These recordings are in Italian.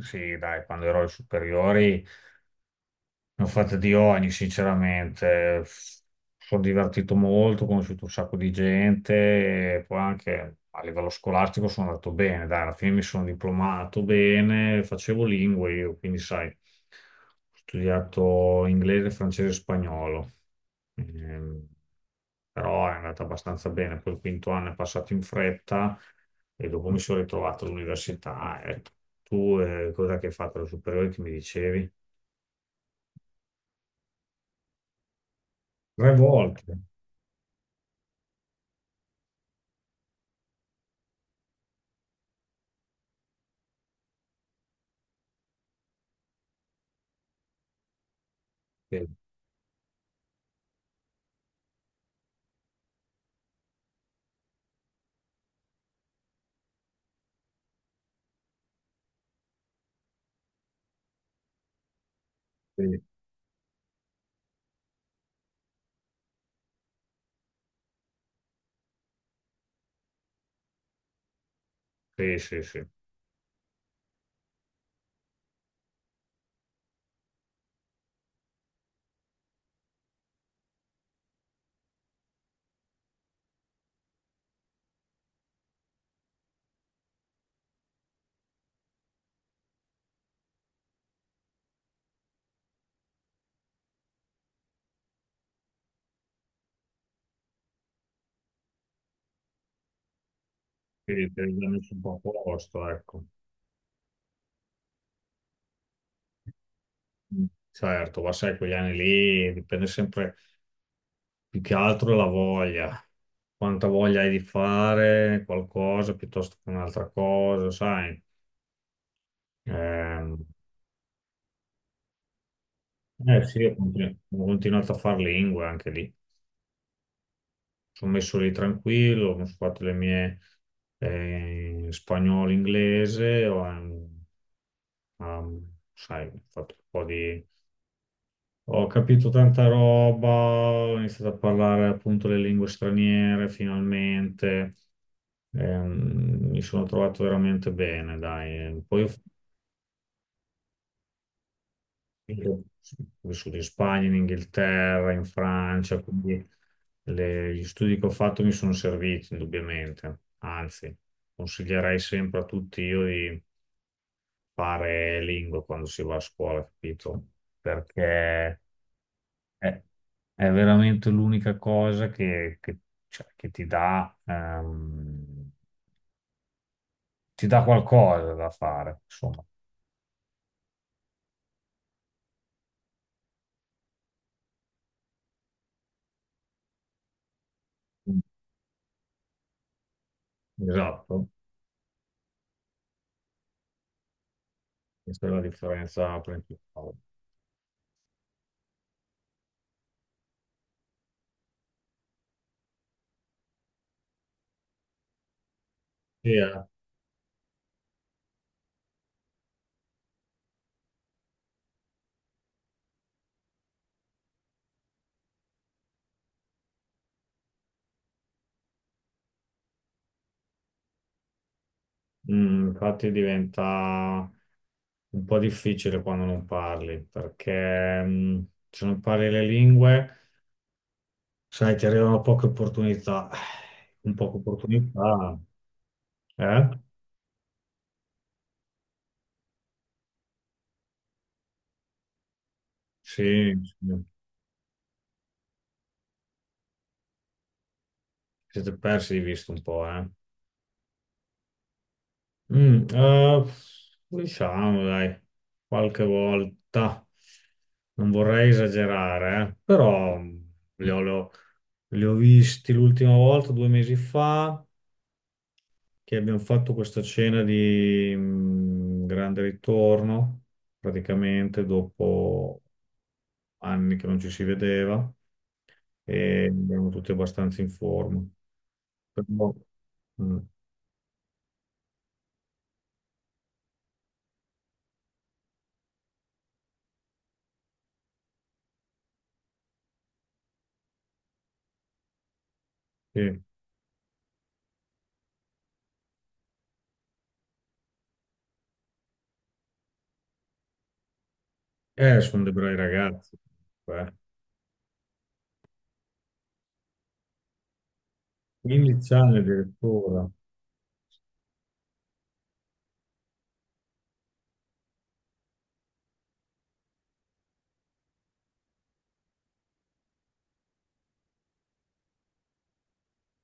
Sì, dai, quando ero alle superiori, ne ho fatte di ogni, sinceramente. Sono divertito molto, ho conosciuto un sacco di gente e poi anche a livello scolastico sono andato bene. Dai, alla fine mi sono diplomato bene, facevo lingue io, quindi sai, ho studiato inglese, francese e spagnolo. Ehm, Però è andata abbastanza bene. Poi il quinto anno è passato in fretta e dopo mi sono ritrovato all'università. Ecco. Tu cosa che hai fatto alle superiori che mi dicevi? Tre volte. Sì, sì, sì, sì, sì. Quindi te li ha messo un po' a posto, ecco. Mm. Certo, ma sai, quegli anni lì dipende sempre più che altro la voglia, quanta voglia hai di fare qualcosa piuttosto che un'altra cosa, sai. Ehm, eh sì, ho continuato a fare lingue anche lì. Sono messo lì tranquillo, ho fatto le mie spagnolo, inglese, ho, sai, ho fatto un po' di ho capito tanta roba, ho iniziato a parlare appunto le lingue straniere finalmente, mi sono trovato veramente bene, dai. Poi finito- ho vissuto in Spagna, in Inghilterra, in Francia, quindi gli studi che ho fatto mi sono serviti indubbiamente, anzi, consiglierei sempre a tutti io di fare lingue quando si va a scuola, capito? Perché È, è veramente l'unica cosa che, cioè, che ti dà qualcosa da fare, insomma. Esatto, questa è la differenza principale. Sì, eh. Mm, infatti diventa un po' difficile quando non parli, perché mm, se non parli le lingue, sai, ti arrivano poche opportunità. Con poche opportunità, eh? Sì, sì. Siete persi di vista un po', eh? Mm, diciamo, dai, qualche volta non vorrei esagerare, però mm, li ho, li ho visti l'ultima volta, 2 mesi fa, che abbiamo fatto questa cena di mm, grande ritorno, praticamente dopo anni che non ci si vedeva e erano tutti abbastanza in forma. Però, mm, sì. Sono dei bravi ragazzi. Eh. 15 anni addirittura.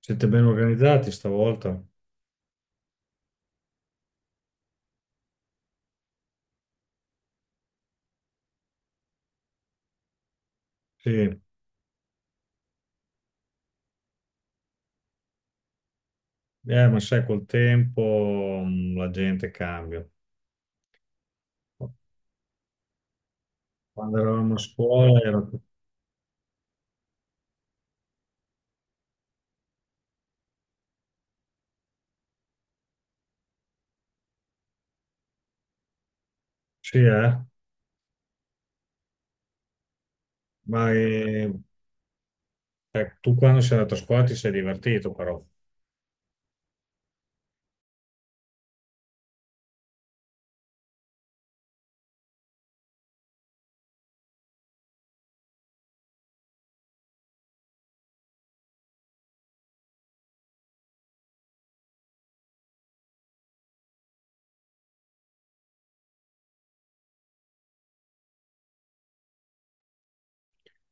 Siete ben organizzati stavolta? Sì, ma sai, col tempo la gente cambia. Quando eravamo a scuola era... Sì, eh? Ma tu quando sei andato a scuola ti sei divertito però.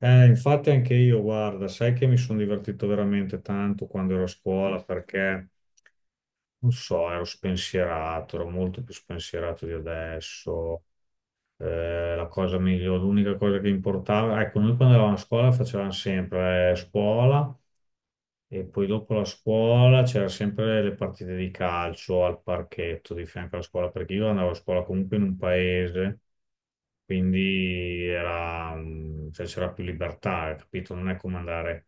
Infatti anche io, guarda, sai che mi sono divertito veramente tanto quando ero a scuola perché, non so, ero spensierato, ero molto più spensierato di adesso. La cosa migliore, l'unica cosa che importava, ecco, noi quando eravamo a scuola facevamo sempre scuola e poi dopo la scuola c'erano sempre le partite di calcio al parchetto di fianco alla scuola, perché io andavo a scuola comunque in un paese, quindi era, mm, cioè, c'era più libertà, capito? Non è come andare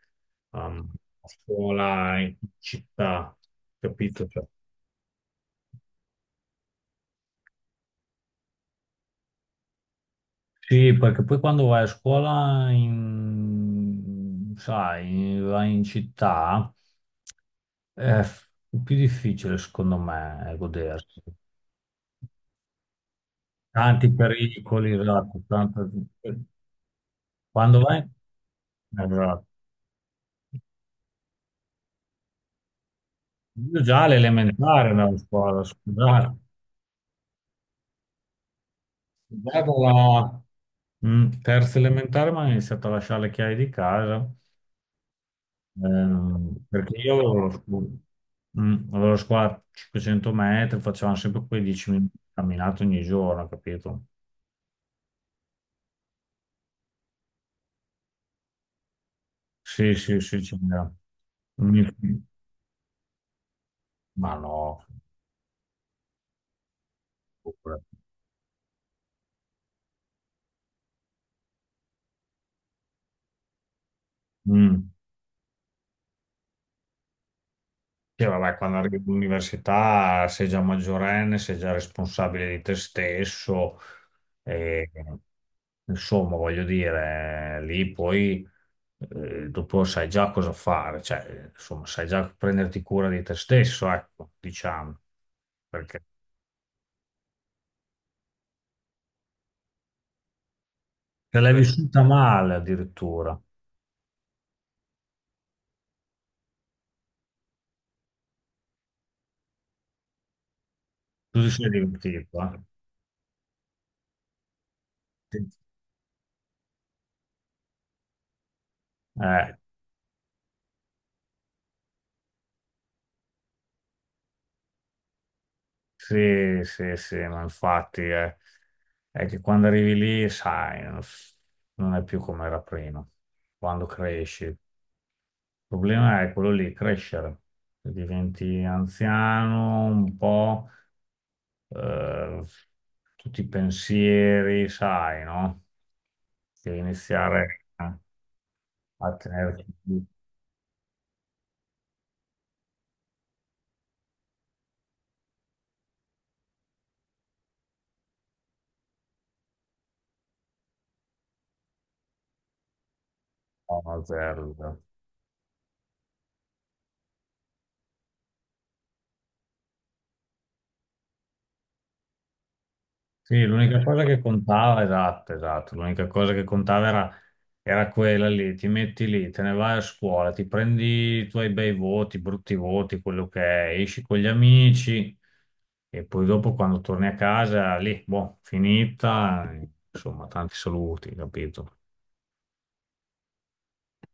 um, a scuola in città, capito? Cioè, sì, perché poi quando vai a scuola in, sai, vai in città è f- più difficile, secondo me, godersi. Tanti pericoli, esatto, Quando vai... Esatto. Io già all'elementare andavo a scuola, scusate. Già dalla mm, terza elementare mi hanno iniziato a lasciare le chiavi di casa. Perché io avevo mm, avevo lo squat 500 metri, facevamo sempre quei 10 minuti di camminata ogni giorno, capito? Sì, sì, sì, c'era. Mi- Ma no, pure. Mm. Sì, vabbè, quando arrivi all'università sei già maggiorenne, sei già responsabile di te stesso e insomma, voglio dire, lì poi dopo sai già cosa fare, cioè, insomma, sai già prenderti cura di te stesso, ecco, diciamo, perché te l'hai beh, vissuta male addirittura. Tu ti sei divertito, eh? Sì. Eh, sì, sì, sì, ma infatti è, che quando arrivi lì, sai, non è più come era prima, quando cresci. Il problema è quello lì, crescere. Diventi anziano un po', eh, tutti i pensieri, sai, no? Devi iniziare a, a tenerti più a zero. Sì, l'unica cosa che contava, esatto, esatto, l'unica cosa che contava era, era quella lì, ti metti lì, te ne vai a scuola, ti prendi i tuoi bei voti, brutti voti, quello che è, esci con gli amici e poi dopo quando torni a casa, lì, boh, finita, insomma, tanti saluti, capito?